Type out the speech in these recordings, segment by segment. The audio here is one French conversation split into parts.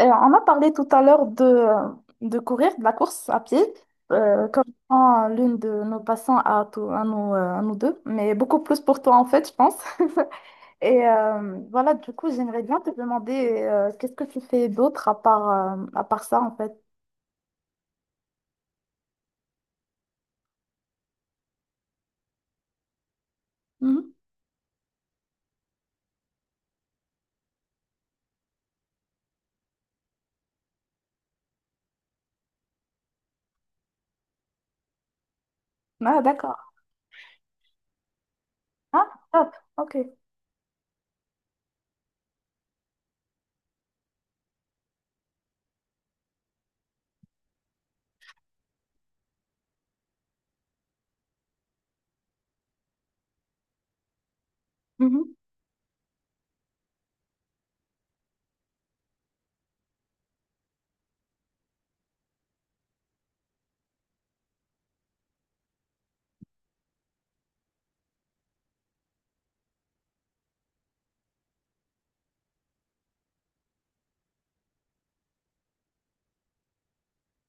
On a parlé tout à l'heure de courir, de la course à pied, comme l'une de nos passants à, à nous deux, mais beaucoup plus pour toi en fait, je pense. Et voilà, du coup, j'aimerais bien te demander qu'est-ce que tu fais d'autre à part ça en fait? Mhm. Ah, d'accord. Ah, top, ok. Mhm.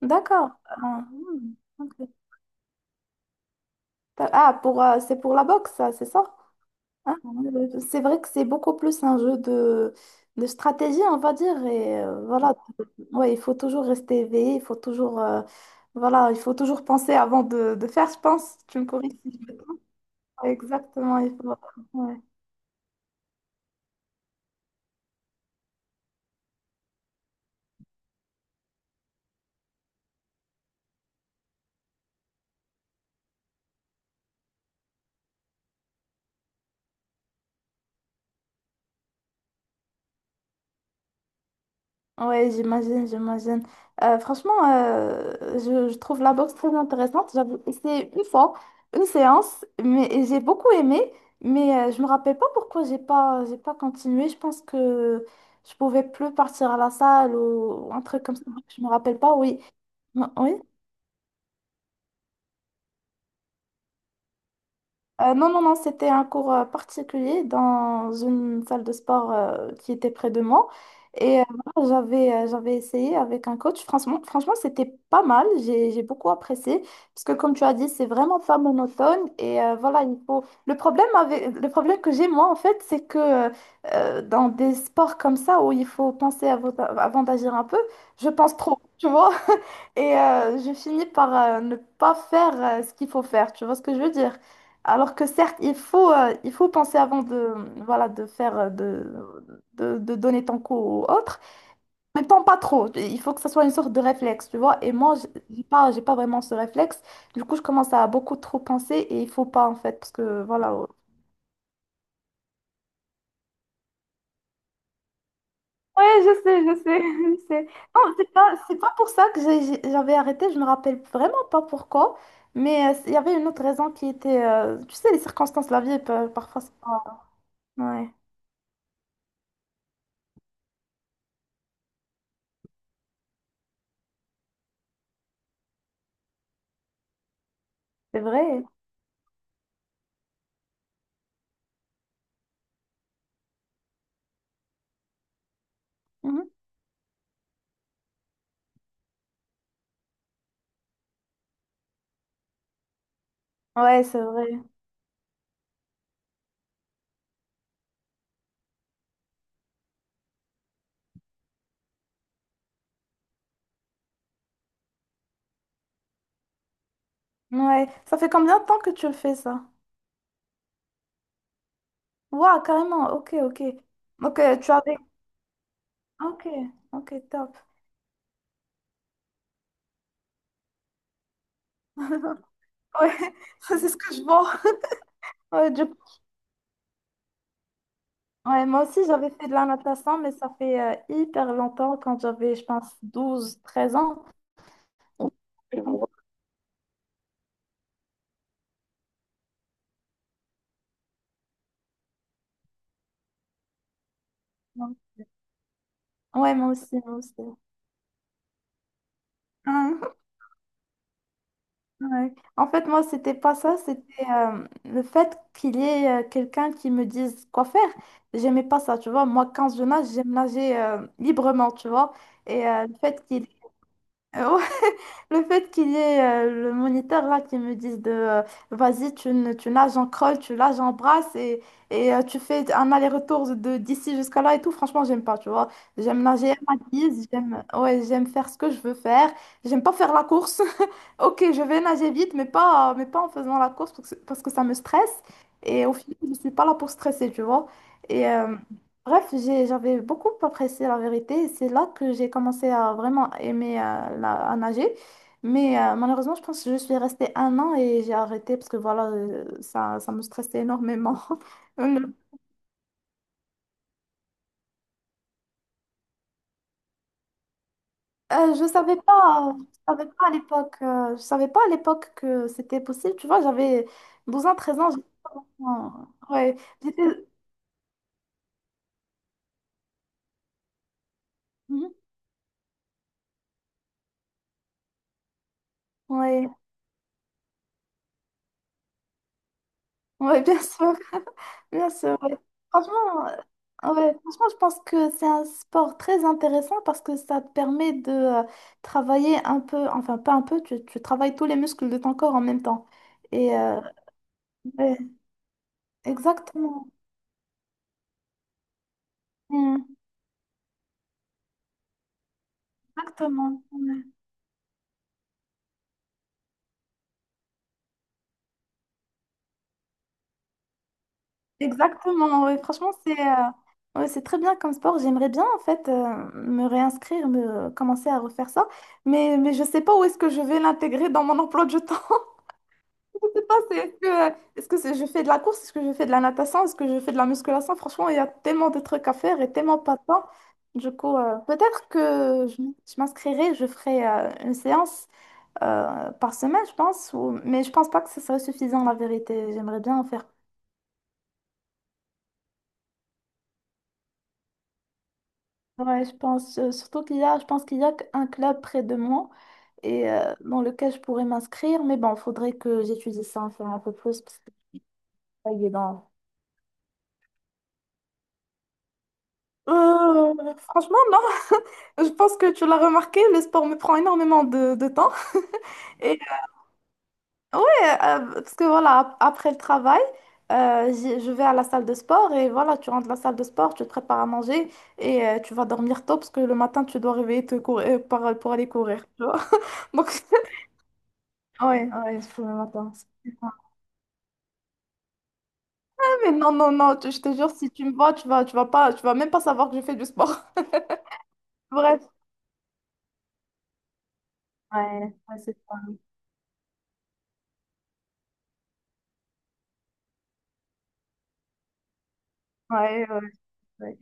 D'accord. Ah, hmm, ok. Ah, pour, c'est pour la boxe, ça, c'est ça? Ah, c'est vrai que c'est beaucoup plus un jeu de stratégie, on va dire. Et voilà, ouais, il faut toujours rester éveillé, il faut toujours, voilà, il faut toujours penser avant de faire, je pense. Tu me corriges si je me trompe. Exactement, il faut. Ouais. Ouais, j'imagine, j'imagine. Franchement, je trouve la boxe très intéressante. J'avais essayé une fois, une séance, mais et j'ai beaucoup aimé, mais je me rappelle pas pourquoi j'ai pas continué. Je pense que je pouvais plus partir à la salle ou un truc comme ça. Je me rappelle pas, oui. Oui. Non, non, non, c'était un cours particulier dans une salle de sport qui était près de moi. Et voilà, j'avais essayé avec un coach. Franchement, franchement, c'était pas mal. J'ai beaucoup apprécié. Parce que comme tu as dit, c'est vraiment pas monotone. Et voilà, il faut... Le problème avec... Le problème que j'ai, moi, en fait, c'est que dans des sports comme ça, où il faut penser avant d'agir un peu, je pense trop, tu vois? Et je finis par ne pas faire ce qu'il faut faire. Tu vois ce que je veux dire? Alors que certes, il faut penser avant de, voilà, de faire, de donner ton coup aux autres. En même temps, pas trop. Il faut que ça soit une sorte de réflexe, tu vois. Et moi, j'ai pas vraiment ce réflexe. Du coup, je commence à beaucoup trop penser et il faut pas, en fait, parce que, voilà. Ouais, je sais, je sais. Non, c'est pas pour ça que j'avais arrêté. Je me rappelle vraiment pas pourquoi. Mais il y avait une autre raison qui était, tu sais, les circonstances de la vie, parfois, c'est pas... Ouais, c'est vrai. Mhm. Ouais, c'est vrai. Ouais, ça fait combien de temps que tu le fais ça? Waouh, carrément, ok, ok. Ok. Tu avais... Ok, ok, top. Ouais, ça, c'est ce que je vois. Ouais, ouais, moi aussi, j'avais fait de la natation, mais ça fait hyper longtemps, quand j'avais, je pense, douze, treize ans. Ouais, moi aussi, moi aussi. Ouais. En fait, moi, c'était pas ça, c'était le fait qu'il y ait quelqu'un qui me dise quoi faire. J'aimais pas ça, tu vois. Moi, quand je nage, j'aime nager librement, tu vois. Et le fait qu'il... Le fait qu'il y ait le moniteur là qui me dise de vas-y, tu, tu nages en crawl, tu nages en brasse et tu fais un aller-retour de d'ici jusqu'à là et tout, franchement, j'aime pas, tu vois. J'aime nager à ma guise, j'aime ouais, j'aime faire ce que je veux faire, j'aime pas faire la course. Ok, je vais nager vite, mais pas en faisant la course parce que ça me stresse et au final, je suis pas là pour stresser, tu vois. Et bref, j'avais beaucoup apprécié la vérité et c'est là que j'ai commencé à vraiment aimer à nager. Mais malheureusement, je pense que je suis restée un an et j'ai arrêté parce que voilà, ça, ça me stressait énormément. Je savais pas, je savais pas à l'époque, je savais pas à l'époque que c'était possible. Tu vois, j'avais 12 ans, treize ans. J'étais pas vraiment- Ouais, j'étais. Mhm. Ouais. Ouais, bien sûr. Bien sûr, ouais. Franchement, ouais, franchement, je pense que c'est un sport très intéressant parce que ça te permet de travailler un peu, enfin pas un peu, tu travailles tous les muscles de ton corps en même temps. Et ouais, exactement. Mm, exactement. Ouais. Exactement, ouais. Franchement, c'est ouais, c'est très bien comme sport. J'aimerais bien en fait me réinscrire, me commencer à refaire ça, mais je sais pas où est-ce que je vais l'intégrer dans mon emploi du temps. Je sais pas, c'est, est-ce que je fais de la course, est-ce que je fais de la natation, est-ce que je fais de la musculation? Franchement, il y a tellement de trucs à faire et tellement pas de temps. Du coup, peut-être que je m'inscrirai, je ferai une séance par semaine, je pense, ou- mais je pense pas que ce serait suffisant, la vérité. J'aimerais bien en faire. Ouais, je pense, surtout qu'il y a, je pense qu'il y a un club près de moi et dans lequel je pourrais m'inscrire, mais bon, faudrait que j'étudie ça, en faire un peu plus parce que c'est pas évident. Franchement, je pense que tu l'as remarqué, le sport me prend énormément de temps. Et ouais, parce que voilà, après le travail, je vais à la salle de sport et voilà, tu rentres de la salle de sport, tu te prépares à manger et tu vas dormir tôt parce que le matin, tu dois réveiller te courir, pour aller courir, tu vois. Donc, ouais, ouais, je fais le matin. Ah, mais non, non, non, je te jure, si tu me vois, tu vas pas, tu vas même pas savoir que je fais du sport. Bref. Ouais, ouais, c'est ça. Ouais, ouais, ouais.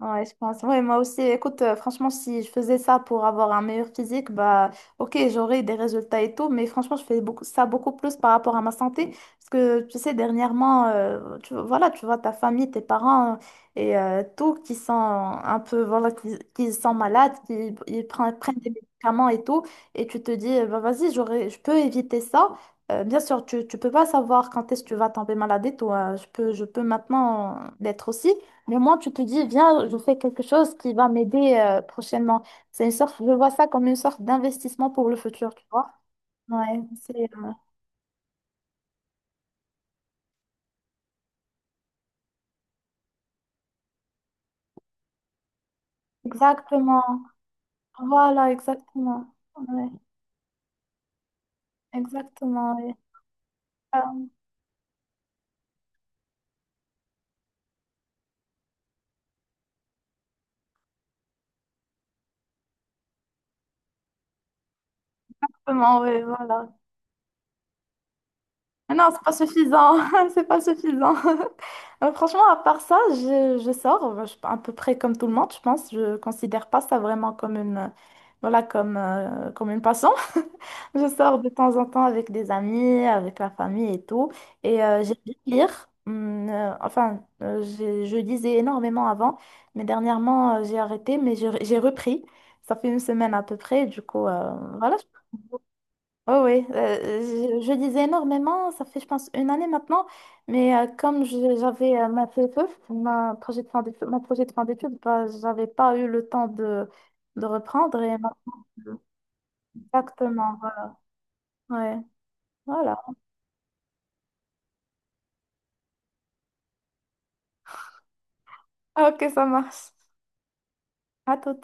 Ouais, je pense. Ouais, moi aussi. Écoute, franchement, si je faisais ça pour avoir un meilleur physique, bah, ok, j'aurais des résultats et tout, mais franchement, je fais beaucoup, ça beaucoup plus par rapport à ma santé. Parce que, tu sais, dernièrement, voilà, tu vois ta famille, tes parents et tout qui sont un peu, voilà, qui sont malades, qui ils prennent, prennent des médicaments et tout, et tu te dis, eh ben, vas-y, j'aurais, je peux éviter ça. Bien sûr, tu peux pas savoir quand est-ce que tu vas tomber malade et tout, hein. Je peux maintenant l'être aussi. Le moment, tu te dis, viens, je fais quelque chose qui va m'aider prochainement. C'est une sorte, je vois ça comme une sorte d'investissement pour le futur, tu vois. Ouais, c'est exactement. Voilà, exactement. Ouais, exactement. Ouais. Ah, exactement, ouais, voilà. Mais non, c'est pas suffisant. C'est pas suffisant. Franchement, à part ça, je sors à peu près comme tout le monde, je pense. Je considère pas ça vraiment comme une, voilà, comme, comme une passion. Je sors de temps en temps avec des amis, avec la famille et tout. Et j'aime bien lire. Je lisais énormément avant, mais dernièrement, j'ai arrêté, mais j'ai repris. Ça fait une semaine à peu près. Du coup, voilà, oh oui, je lisais énormément, ça fait je pense une année maintenant, mais j'avais ma PFF, ma projet de fin d'études, mon projet de fin d'études, bah, j'avais pas eu le temps de reprendre exactement, voilà. Ouais, voilà. Ah, ok, ça marche. À tout.